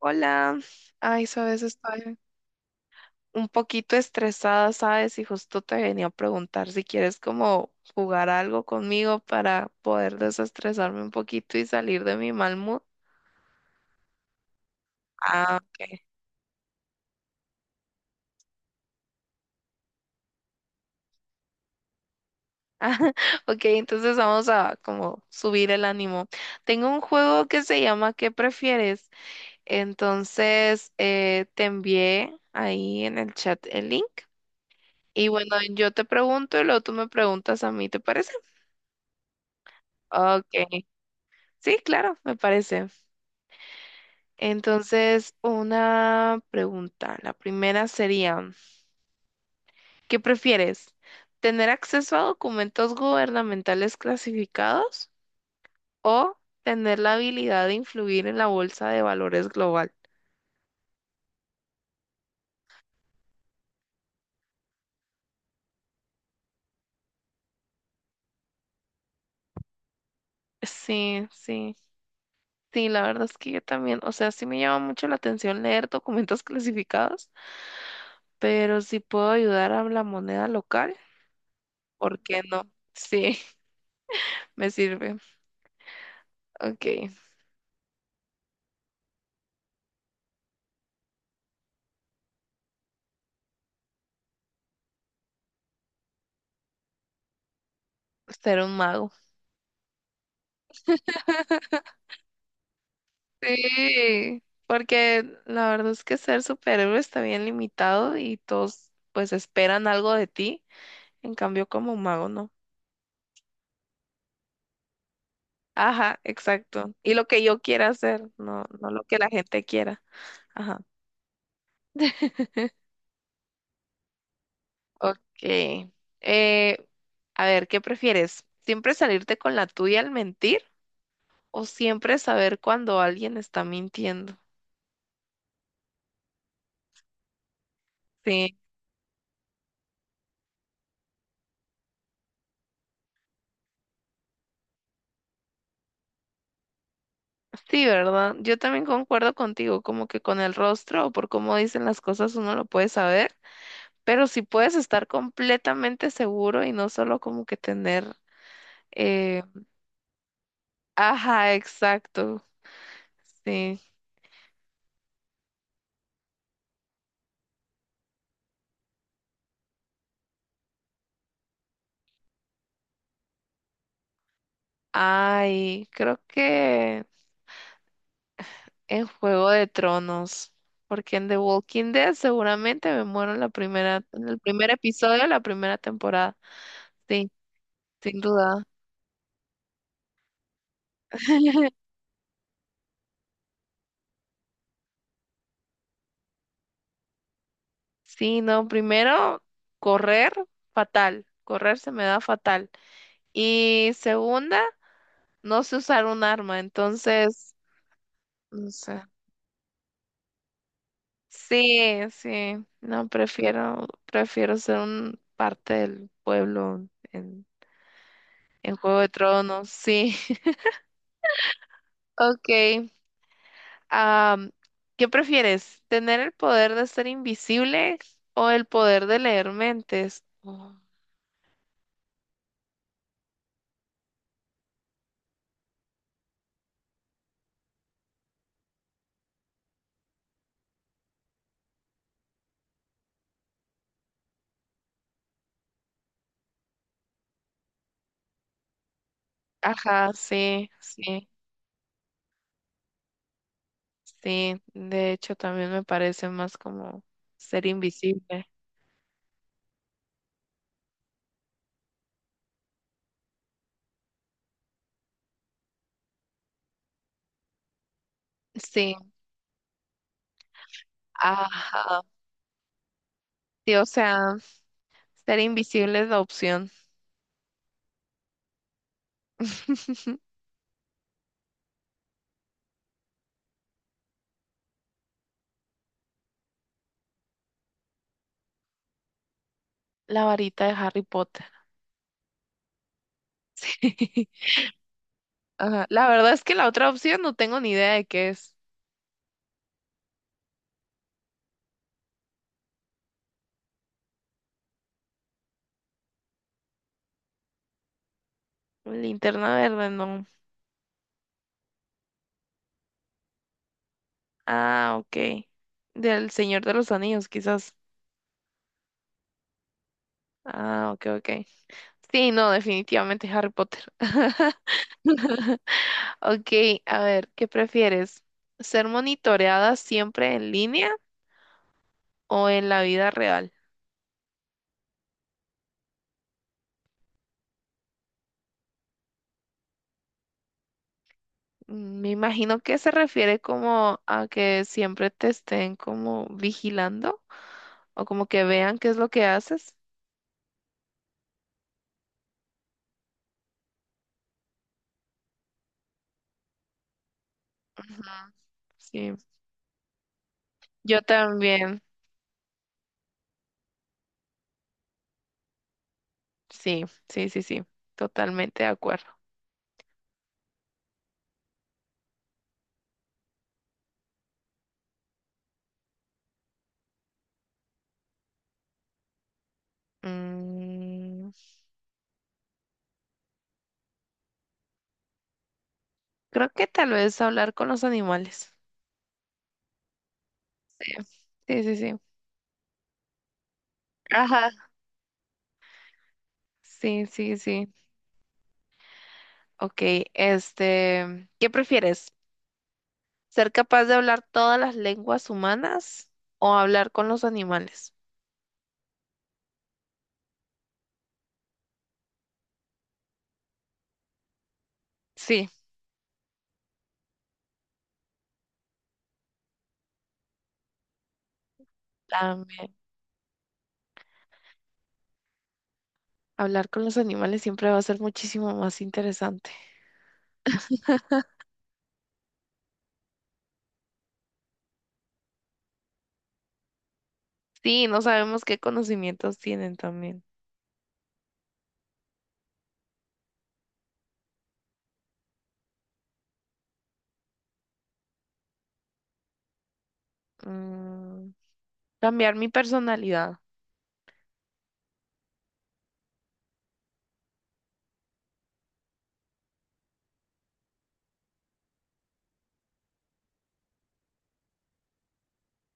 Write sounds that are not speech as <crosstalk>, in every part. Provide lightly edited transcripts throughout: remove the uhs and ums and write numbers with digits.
Hola, ay, sabes, estoy un poquito estresada, sabes, y justo te venía a preguntar si quieres como jugar algo conmigo para poder desestresarme un poquito y salir de mi mal mood. Ah, ok. <laughs> Ok, entonces vamos a como subir el ánimo. Tengo un juego que se llama ¿Qué prefieres? Entonces te envié ahí en el chat el link. Y bueno, yo te pregunto y luego tú me preguntas a mí, ¿te parece? Ok. Sí, claro, me parece. Entonces, una pregunta. La primera sería, ¿qué prefieres? ¿Tener acceso a documentos gubernamentales clasificados o tener la habilidad de influir en la bolsa de valores global? Sí, sí, la verdad es que yo también, o sea, sí me llama mucho la atención leer documentos <laughs> clasificados, pero si puedo ayudar a la moneda local, ¿por qué no? Sí, <laughs> me sirve. Ok, ser un mago. Sí, porque la verdad es que ser superhéroe está bien limitado y todos pues esperan algo de ti, en cambio como mago no. Ajá, exacto. Y lo que yo quiera hacer, no, no lo que la gente quiera. Ajá. <laughs> Ok. Eh, a ver, ¿qué prefieres? ¿Siempre salirte con la tuya al mentir o siempre saber cuando alguien está mintiendo? Sí. Sí, ¿verdad? Yo también concuerdo contigo, como que con el rostro o por cómo dicen las cosas uno lo puede saber, pero si puedes estar completamente seguro y no solo como que tener... eh, Ajá, exacto. Sí. Ay, creo que en Juego de Tronos, porque en The Walking Dead seguramente me muero en la primera, en el primer episodio de la primera temporada. Sí, sin duda. <laughs> Sí, no, primero, correr, fatal. Correr se me da fatal. Y segunda, no sé usar un arma, entonces, no sé. Sí, sí, no, prefiero ser un parte del pueblo en Juego de Tronos, sí. <laughs> Ok, am, ¿qué prefieres? ¿Tener el poder de ser invisible o el poder de leer mentes? Oh, ajá, sí, sí. Sí, de hecho también me parece más como ser invisible. Sí, ajá. Sí, o sea, ser invisible es la opción. <laughs> La varita de Harry Potter. <laughs> Ajá. La verdad es que la otra opción no tengo ni idea de qué es. Linterna verde, no. Ah, ok. Del Señor de los Anillos, quizás. Ah, ok, ok. Sí, no, definitivamente Harry Potter. <laughs> Ok, a ver, ¿qué prefieres? ¿Ser monitoreada siempre en línea o en la vida real? Mm, me imagino que se refiere como a que siempre te estén como vigilando o como que vean qué es lo que haces. Ujú, sí, yo también. Sí, sí, sí, sí, totalmente de acuerdo. Mm, creo que tal vez hablar con los animales. Sí, sí, sí, sí. Ajá. Sí, sí, sí. Ok, este, ¿qué prefieres? ¿Ser capaz de hablar todas las lenguas humanas o hablar con los animales? Sí, también. Hablar con los animales siempre va a ser muchísimo más interesante. Sí, no sabemos qué conocimientos tienen también. Mm, cambiar mi personalidad.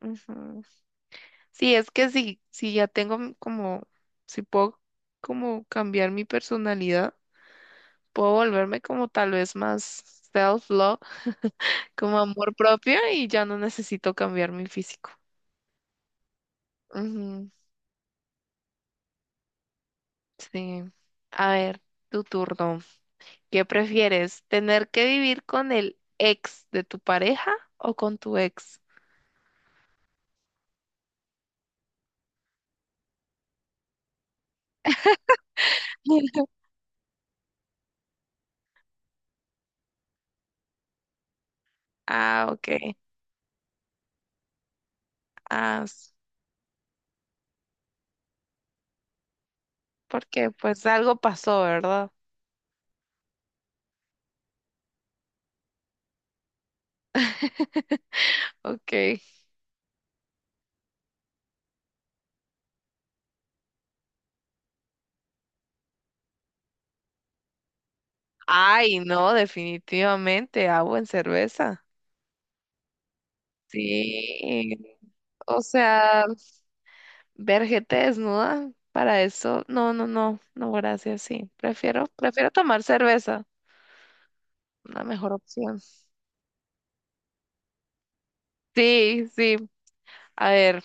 Ujú. Sí, es que si ya tengo como, si puedo como cambiar mi personalidad, puedo volverme como tal vez más self-love, como amor propio, y ya no necesito cambiar mi físico. Ujú, sí. A ver, tu turno. ¿Qué prefieres? ¿Tener que vivir con el ex de tu pareja o con tu ex? <laughs> Ah, ok. Ah, porque pues algo pasó, ¿verdad? Ok. Ay, no, definitivamente, agua en cerveza. Sí. O sea. Ver gente desnuda, para eso, no, no, no, no, gracias, sí. Prefiero tomar cerveza, una mejor opción. Sí, sí. A ver,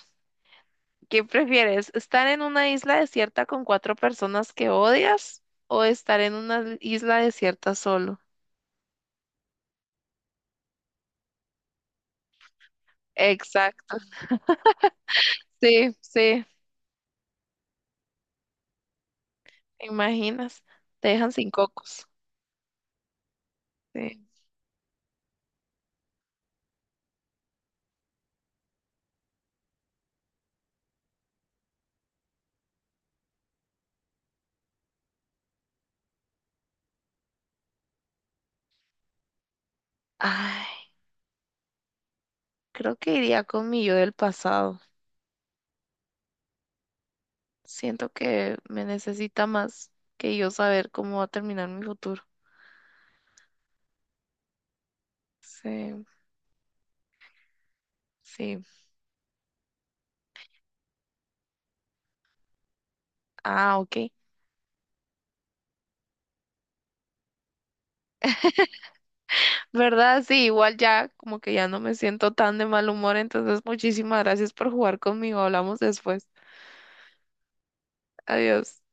¿qué prefieres? ¿Estar en una isla desierta con cuatro personas que odias o estar en una isla desierta solo? Exacto. Sí, sí, ¿te imaginas? Te dejan sin cocos. Sí. Ay, creo que iría con mi yo del pasado. Siento que me necesita más que yo saber cómo va a terminar mi futuro. Sí, sí. Ah, ok. ¿Verdad? Sí, igual ya como que ya no me siento tan de mal humor, entonces muchísimas gracias por jugar conmigo. Hablamos después. Adiós.